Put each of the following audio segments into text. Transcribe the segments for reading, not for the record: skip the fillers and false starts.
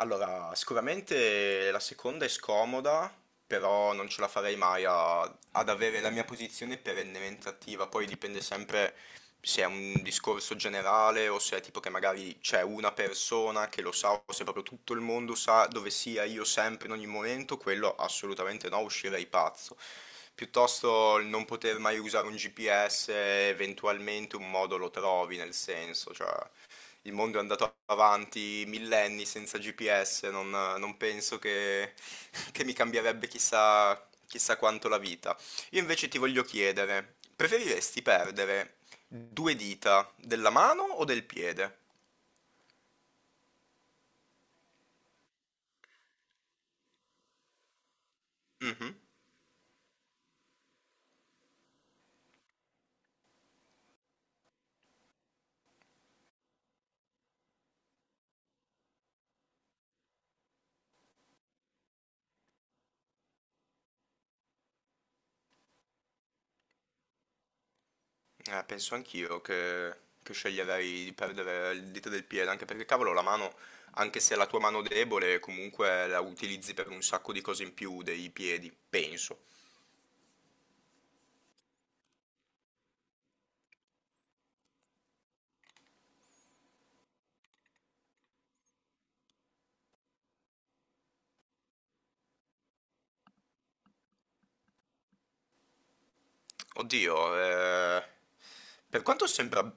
Allora, sicuramente la seconda è scomoda, però non ce la farei mai ad avere la mia posizione perennemente attiva. Poi dipende sempre se è un discorso generale o se è tipo che magari c'è una persona che lo sa o se proprio tutto il mondo sa dove sia io sempre in ogni momento, quello assolutamente no, uscirei pazzo. Piuttosto il non poter mai usare un GPS, eventualmente un modo lo trovi, nel senso, cioè il mondo è andato avanti millenni senza GPS, non penso che, che mi cambierebbe chissà, chissà quanto la vita. Io invece ti voglio chiedere, preferiresti perdere due dita, della mano o del piede? Mh-mh. Penso anch'io che sceglierei di perdere il dito del piede, anche perché cavolo la mano, anche se è la tua mano debole, comunque la utilizzi per un sacco di cose in più dei piedi, penso. Oddio, per quanto sembra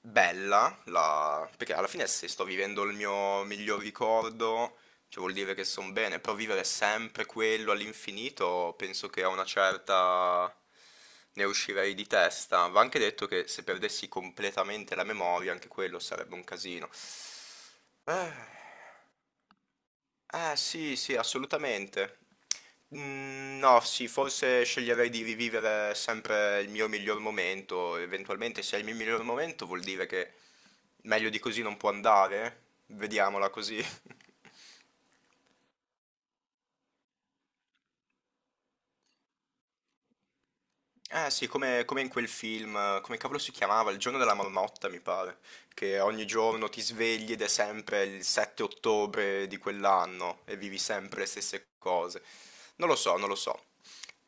bella, perché alla fine se sto vivendo il mio miglior ricordo, cioè vuol dire che sono bene, però vivere sempre quello all'infinito, penso che a una certa ne uscirei di testa. Va anche detto che se perdessi completamente la memoria, anche quello sarebbe un casino. Eh, eh sì, sì, assolutamente. Mm, no, sì, forse sceglierei di rivivere sempre il mio miglior momento. Eventualmente, se è il mio miglior momento, vuol dire che meglio di così non può andare. Vediamola così. Eh sì, come in quel film, come cavolo si chiamava? Il giorno della marmotta, mi pare, che ogni giorno ti svegli ed è sempre il 7 ottobre di quell'anno e vivi sempre le stesse cose. Non lo so, non lo so.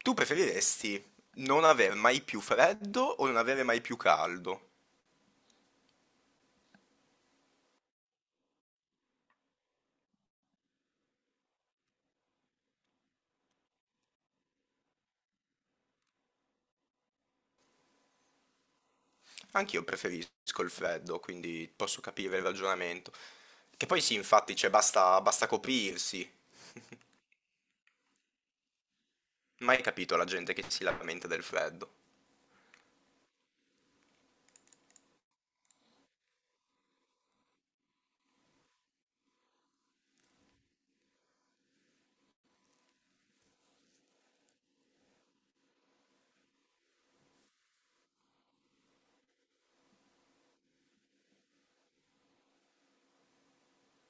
Tu preferiresti non aver mai più freddo o non avere mai più caldo? Anch'io preferisco il freddo, quindi posso capire il ragionamento. Che poi sì, infatti, cioè, basta coprirsi. Mai capito la gente che si lamenta del freddo.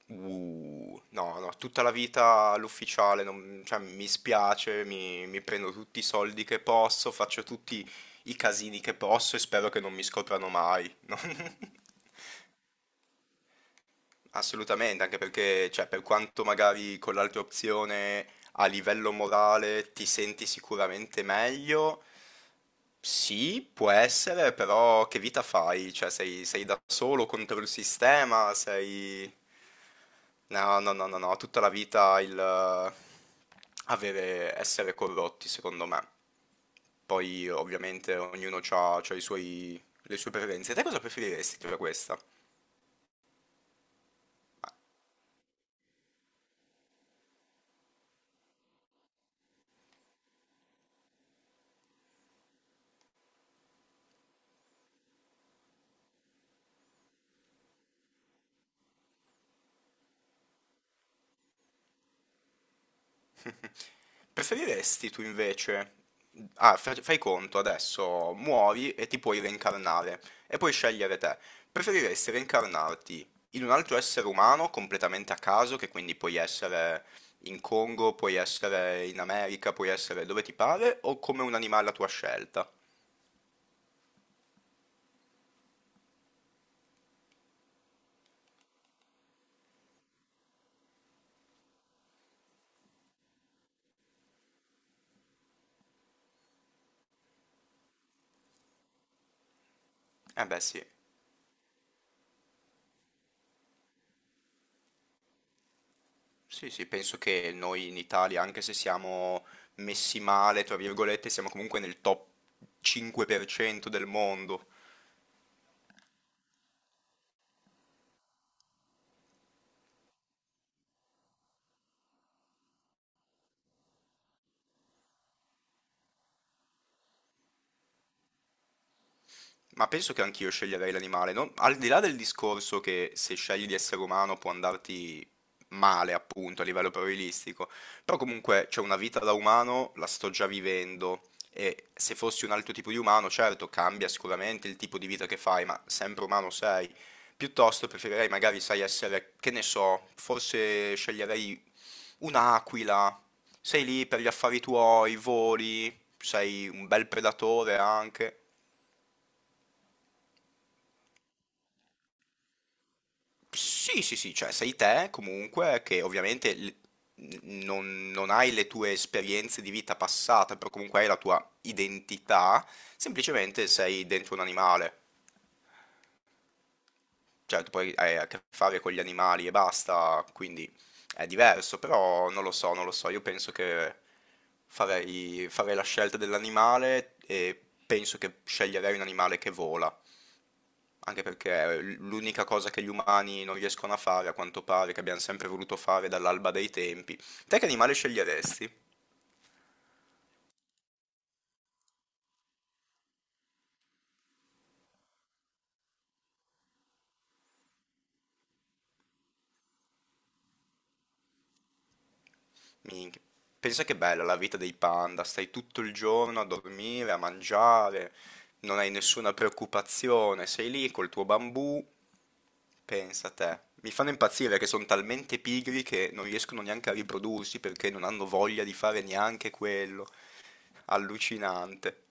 No, no, tutta la vita all'ufficiale, cioè, mi spiace, mi prendo tutti i soldi che posso, faccio tutti i casini che posso e spero che non mi scoprano mai. No? Assolutamente, anche perché, cioè, per quanto magari con l'altra opzione a livello morale ti senti sicuramente meglio, sì, può essere, però che vita fai? Cioè, sei da solo contro il sistema, sei... No, no, no, no, no, tutta la vita il avere, essere corrotti, secondo me. Poi, ovviamente, ognuno ha i suoi, le sue preferenze. Te cosa preferiresti tra questa? Preferiresti tu invece, ah, fai conto adesso, muori e ti puoi reincarnare e puoi scegliere te. Preferiresti reincarnarti in un altro essere umano completamente a caso, che quindi puoi essere in Congo, puoi essere in America, puoi essere dove ti pare, o come un animale a tua scelta? Eh beh sì, sì, sì, penso che noi in Italia, anche se siamo messi male, tra virgolette, siamo comunque nel top 5% del mondo. Ma penso che anch'io sceglierei l'animale, al di là del discorso che se scegli di essere umano può andarti male, appunto, a livello probabilistico, però comunque c'è una vita da umano, la sto già vivendo e se fossi un altro tipo di umano, certo, cambia sicuramente il tipo di vita che fai, ma sempre umano sei. Piuttosto preferirei magari, sai, essere, che ne so, forse sceglierei un'aquila, sei lì per gli affari tuoi, voli, sei un bel predatore anche. Sì, sì, sì, cioè sei te comunque che ovviamente non hai le tue esperienze di vita passata, però comunque hai la tua identità, semplicemente sei dentro un animale, cioè tu poi hai a che fare con gli animali e basta, quindi è diverso, però non lo so, non lo so, io penso che farei la scelta dell'animale e penso che sceglierei un animale che vola. Anche perché l'unica cosa che gli umani non riescono a fare, a quanto pare, che abbiamo sempre voluto fare dall'alba dei tempi. Te che animale sceglieresti? Minchia. Pensa che bella la vita dei panda, stai tutto il giorno a dormire, a mangiare, non hai nessuna preoccupazione, sei lì col tuo bambù, pensa a te. Mi fanno impazzire che sono talmente pigri che non riescono neanche a riprodursi perché non hanno voglia di fare neanche quello. Allucinante.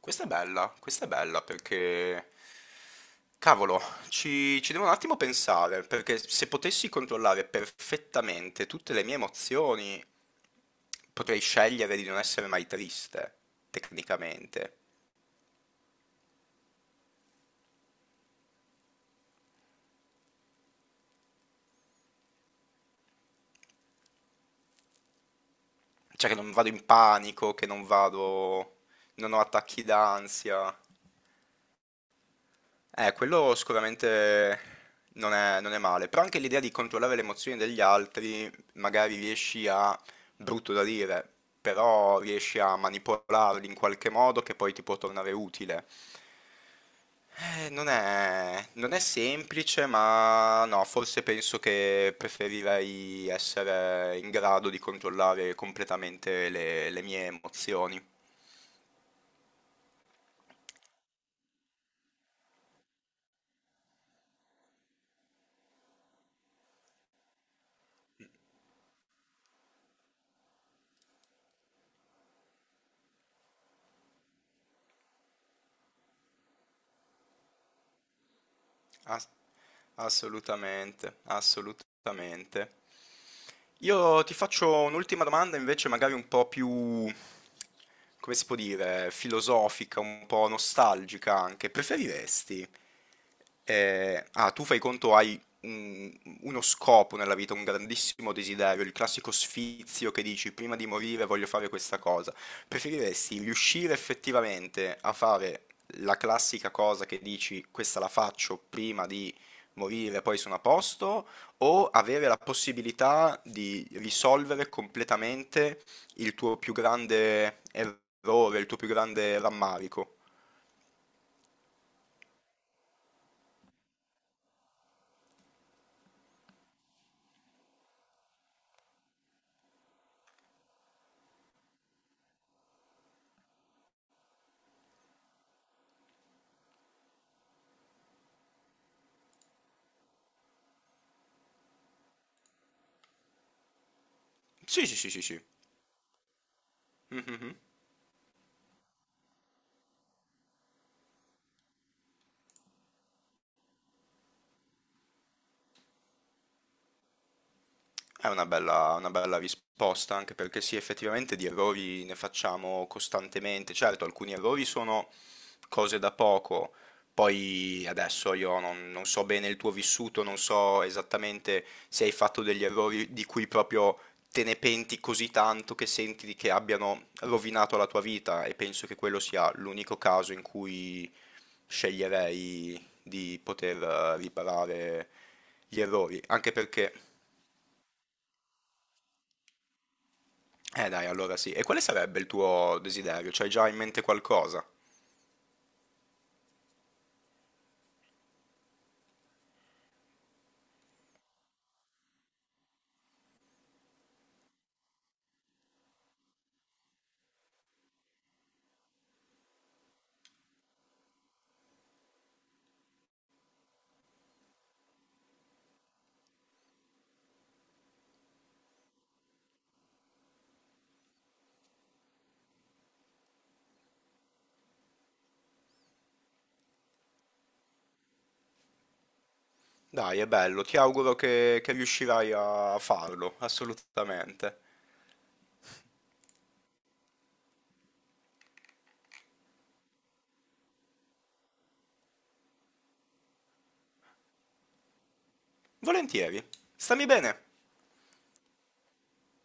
Questa è bella perché, cavolo, ci devo un attimo pensare, perché se potessi controllare perfettamente tutte le mie emozioni, potrei scegliere di non essere mai triste, tecnicamente. Cioè che non vado in panico, che non vado, non ho attacchi d'ansia. Quello sicuramente non è male, però anche l'idea di controllare le emozioni degli altri, magari riesci a, brutto da dire, però riesci a manipolarli in qualche modo che poi ti può tornare utile. Non è semplice, ma no, forse penso che preferirei essere in grado di controllare completamente le mie emozioni. Ass- assolutamente, assolutamente. Io ti faccio un'ultima domanda invece magari un po' più, come si può dire, filosofica, un po' nostalgica anche. Preferiresti... tu fai conto hai uno scopo nella vita, un grandissimo desiderio, il classico sfizio che dici prima di morire voglio fare questa cosa. Preferiresti riuscire effettivamente a fare la classica cosa che dici questa la faccio prima di morire, poi sono a posto? O avere la possibilità di risolvere completamente il tuo più grande errore, il tuo più grande rammarico. Sì, sì, sì, sì, sì. Mhm. Una bella risposta, anche perché sì, effettivamente di errori ne facciamo costantemente. Certo, alcuni errori sono cose da poco. Poi adesso io non so bene il tuo vissuto, non so esattamente se hai fatto degli errori di cui proprio te ne penti così tanto che senti che abbiano rovinato la tua vita e penso che quello sia l'unico caso in cui sceglierei di poter riparare gli errori, anche perché... dai, allora sì. E quale sarebbe il tuo desiderio? C'hai già in mente qualcosa? Dai, è bello, ti auguro che riuscirai a farlo, assolutamente. Volentieri. Stammi bene.